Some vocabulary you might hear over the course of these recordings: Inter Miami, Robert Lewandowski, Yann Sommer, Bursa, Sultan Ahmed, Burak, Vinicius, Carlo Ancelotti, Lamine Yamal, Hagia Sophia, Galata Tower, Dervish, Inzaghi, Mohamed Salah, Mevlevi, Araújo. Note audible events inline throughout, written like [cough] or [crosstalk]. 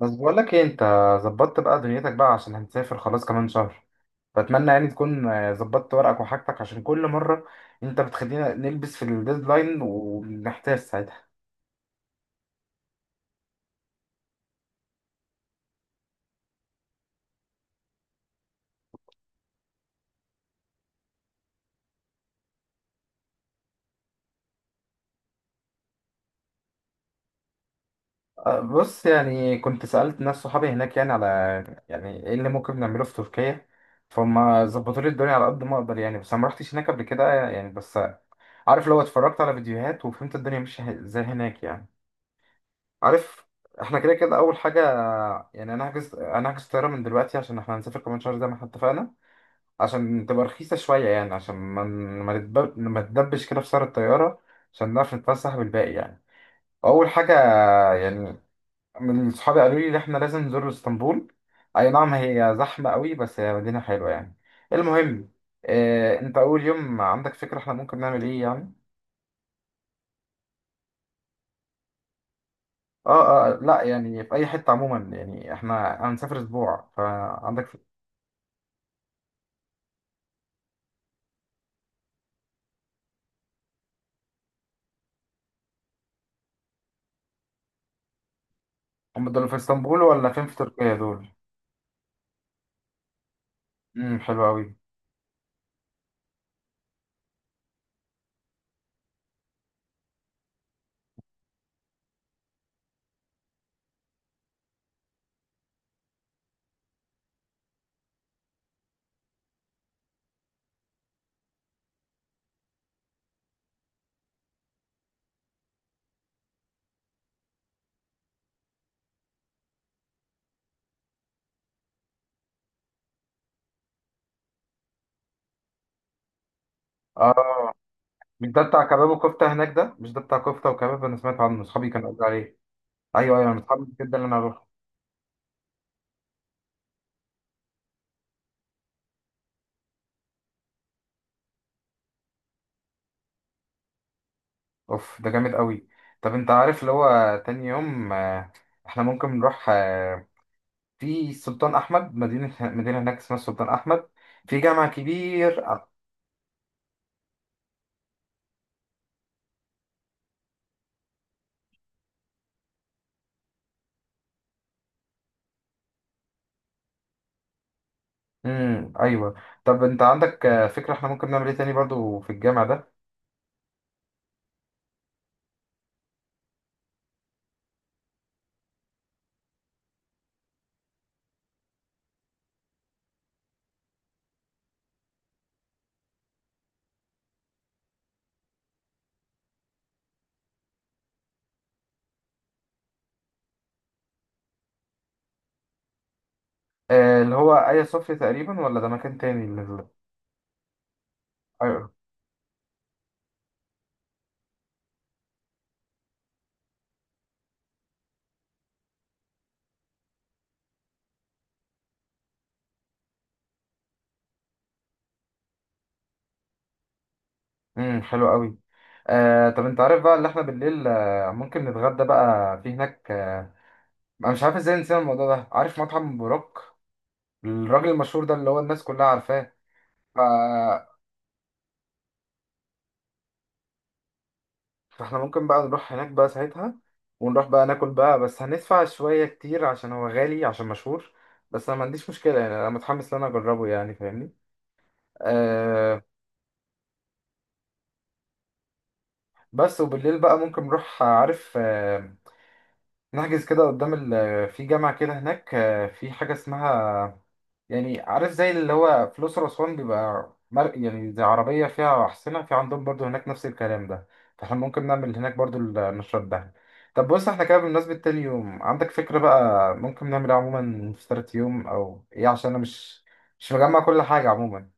بس بقول لك ايه، انت ظبطت بقى دنيتك بقى عشان هنسافر خلاص كمان شهر. فاتمنى يعني تكون ظبطت ورقك وحاجتك، عشان كل مره انت بتخلينا نلبس في الديدلاين وبنحتاج ساعتها. بص يعني كنت سألت ناس صحابي هناك يعني على يعني ايه اللي ممكن نعمله في تركيا. فهم ظبطوا لي الدنيا على قد ما اقدر يعني، بس انا ما رحتش هناك قبل كده يعني. بس عارف، لو اتفرجت على فيديوهات وفهمت الدنيا ماشيه ازاي هناك يعني. عارف احنا كده كده اول حاجه. يعني انا هحجز طياره من دلوقتي عشان احنا هنسافر كمان شهر زي ما احنا اتفقنا، عشان تبقى رخيصه شويه، يعني عشان ما ما نتدبش كده في سعر الطياره، عشان نعرف نتفسح بالباقي يعني. اول حاجه يعني، من صحابي قالوا لي ان احنا لازم نزور اسطنبول. اي نعم، هي زحمه قوي بس هي مدينه حلوه يعني. المهم، اه انت اول يوم عندك فكره احنا ممكن نعمل ايه يعني؟ اه اه لا، يعني في اي حته عموما يعني، احنا هنسافر اسبوع فعندك. هم دول في اسطنبول ولا فين في تركيا دول؟ امم، حلو قوي. اه مش ده بتاع كباب وكفته هناك؟ ده مش ده بتاع كفته وكباب؟ انا سمعت عنه، اصحابي كانوا قالوا عليه. ايوه ايوه، انا متحمس جدا ان انا اروح. اوف ده جامد قوي. طب انت عارف اللي هو تاني يوم، احنا ممكن نروح في السلطان احمد. مدينه هناك اسمها السلطان احمد، في جامع كبير. ايوه. طب انت عندك فكره احنا ممكن نعمل ايه تاني برضو في الجامع ده؟ اللي هو ايا صوفيا تقريبا، ولا ده مكان تاني امم، حلو قوي. طب انت عارف بقى اللي احنا بالليل ممكن نتغدى بقى في هناك انا مش عارف ازاي نسينا الموضوع ده. عارف مطعم بوراك الراجل المشهور ده اللي هو الناس كلها عارفاه؟ ف... فاحنا ممكن بقى نروح هناك بقى ساعتها، ونروح بقى ناكل بقى، بس هندفع شوية كتير عشان هو غالي عشان مشهور. بس انا ما عنديش مشكلة، يعني انا متحمس ان انا اجربه يعني، فاهمني. آه بس وبالليل بقى ممكن نروح عارف نحجز كده قدام في جامعة كده هناك في حاجة اسمها، يعني عارف زي اللي هو في الأقصر وأسوان بيبقى يعني زي عربية فيها أحصنة، في عندهم برضو هناك نفس الكلام ده. فاحنا ممكن نعمل هناك برضو النشاط ده. طب بص، احنا كده بمناسبة تاني يوم عندك فكرة بقى ممكن نعمل ايه عموما في تالت يوم أو إيه؟ عشان أنا مش مجمع كل حاجة عموما.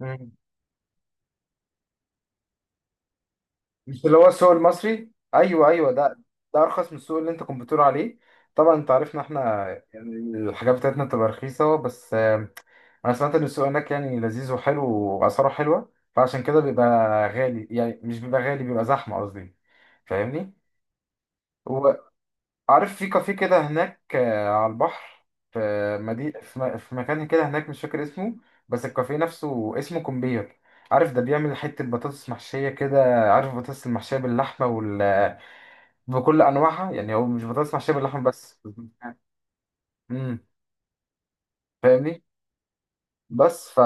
مم. مش اللي هو السوق المصري؟ ايوه ايوه، ده ده ارخص من السوق اللي انت كنت بتقول عليه. طبعا انت عارفنا احنا يعني، الحاجات بتاعتنا بتبقى رخيصه. بس انا سمعت ان السوق هناك يعني لذيذ وحلو، واسعاره حلوه، فعشان كده بيبقى غالي. يعني مش بيبقى غالي، بيبقى زحمه قصدي، فاهمني. وعارف في كافيه كده هناك على البحر. في مدينة، في في مكان كده هناك مش فاكر اسمه، بس الكافيه نفسه اسمه كومبير. عارف ده بيعمل حتة بطاطس محشية كده؟ عارف البطاطس المحشية باللحمة وال بكل أنواعها. يعني هو مش بطاطس محشية باللحمة بس. امم، فاهمني. بس ف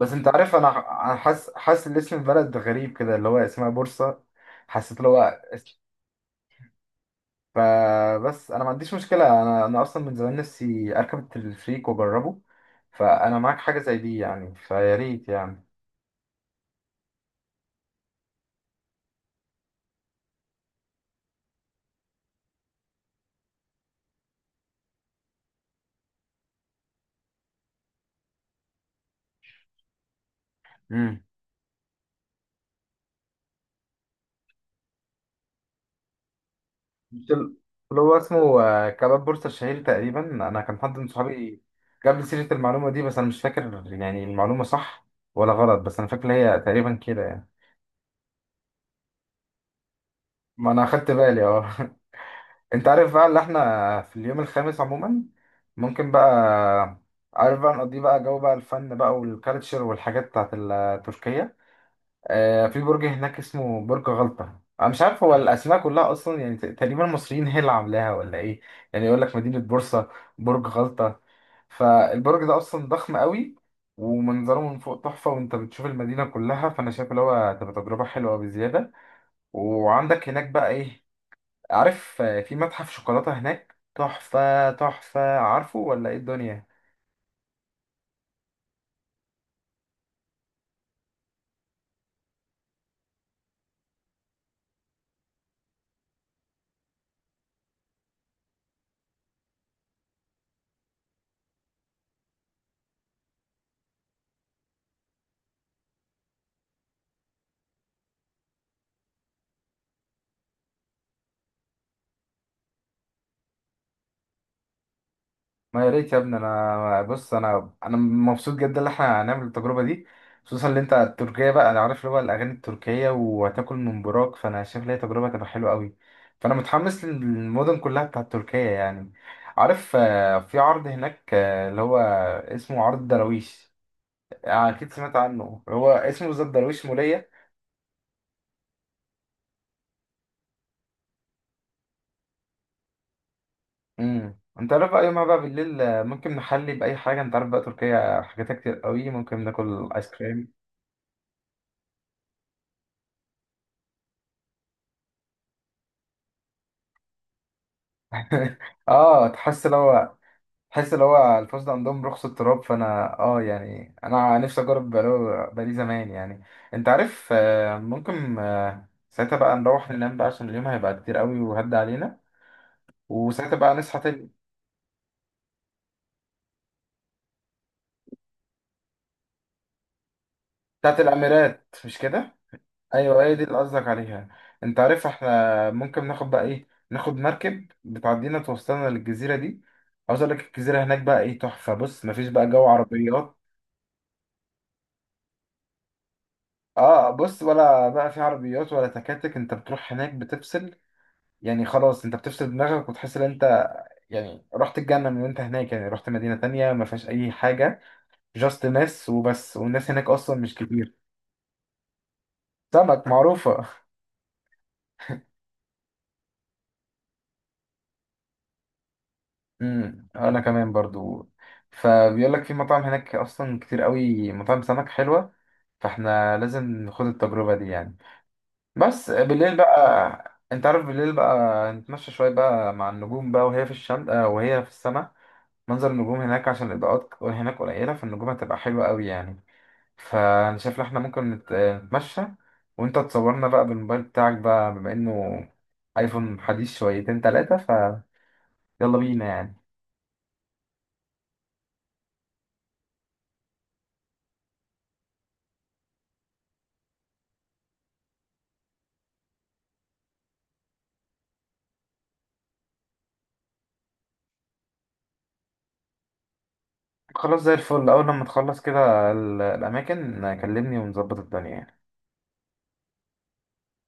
بس انت عارف، انا حاسس ان اسم البلد غريب كده، اللي هو اسمها بورصة. حسيت اللي هو اس- فبس انا ما عنديش مشكلة، انا اصلا من زمان نفسي اركب التلفريك واجربه. فانا معاك حاجة زي دي يعني، فيا ريت يعني. امم. مش ال- اللي هو اسمه كباب بورصة الشهير تقريبا. انا كان حد من صحابي جاب لي سيرة المعلومة دي، بس انا مش فاكر يعني المعلومة صح ولا غلط، بس انا فاكر هي تقريبا كده يعني. ما انا اخدت بالي، اه. انت عارف بقى اللي احنا في اليوم الخامس عموما ممكن بقى، عارف بقى نقضيه بقى جو بقى الفن بقى والكالتشر والحاجات بتاعت تركيا. في برج هناك اسمه برج غلطة. انا مش عارف هو الاسماء كلها اصلا يعني، تقريبا المصريين هي اللي عاملاها ولا ايه؟ يعني يقول لك مدينة بورصة، برج غلطة. فالبرج ده اصلا ضخم قوي، ومنظره من فوق تحفة، وانت بتشوف المدينة كلها. فانا شايف اللي هو هتبقى تجربة حلوة بزيادة. وعندك هناك بقى ايه؟ عارف في متحف شوكولاتة هناك تحفة تحفة، عارفه ولا ايه الدنيا؟ ما يا ريت يا ابني، انا بص، انا مبسوط جدا ان احنا هنعمل التجربة دي. خصوصا ان انت التركية بقى، انا عارف اللي هو الاغاني التركية وهتاكل من براك. فانا شايف ان هي تجربة تبقى حلوة قوي. فانا متحمس للمدن كلها بتاعت تركيا يعني. عارف في عرض هناك اللي هو اسمه عرض دراويش، اكيد سمعت عنه. هو اسمه بالظبط دراويش مولية. امم، انت عارف بقى يومها بقى بالليل ممكن نحلي باي حاجه. انت عارف بقى تركيا حاجاتها كتير قوي، ممكن ناكل ايس كريم. [laughs] اه، تحس لو هو الفسد عندهم رخص التراب. فانا اه يعني انا نفسي اجرب بقاله، بقالي زمان يعني. انت عارف ممكن ساعتها بقى نروح ننام بقى عشان اليوم هيبقى كتير قوي وهد علينا، وساعتها بقى نصحى تاني. بتاعت الاميرات مش كده؟ ايوه هي دي اللي قصدك عليها. انت عارف احنا ممكن ناخد بقى ايه، ناخد مركب بتعدينا توصلنا للجزيره دي. عاوز اقول لك الجزيره هناك بقى ايه تحفه. بص مفيش بقى جو عربيات، اه بص ولا بقى في عربيات ولا تكاتك، انت بتروح هناك بتفصل. يعني خلاص، انت بتفصل دماغك وتحس ان انت يعني رحت الجنه من وانت هناك. يعني رحت مدينه تانية ما فيهاش اي حاجه، جاست ناس وبس، والناس هناك اصلا مش كتير. سمك معروفه. انا كمان برضو. فبيقول لك في مطاعم هناك اصلا كتير قوي، مطاعم سمك حلوه، فاحنا لازم نخوض التجربه دي يعني. بس بالليل بقى، انت عارف بالليل بقى نتمشى شويه بقى مع النجوم بقى، وهي في الشمس وهي في السماء. منظر النجوم هناك عشان الاضاءات هناك قليله، فالنجوم هتبقى حلوه قوي يعني. فانا شايف إن احنا ممكن نتمشى، وانت تصورنا بقى بالموبايل بتاعك بقى بما انه ايفون حديث شويتين تلاتة، فيلا بينا يعني. خلاص زي الفل، اول لما تخلص كده الاماكن كلمني ونظبط الدنيا يعني.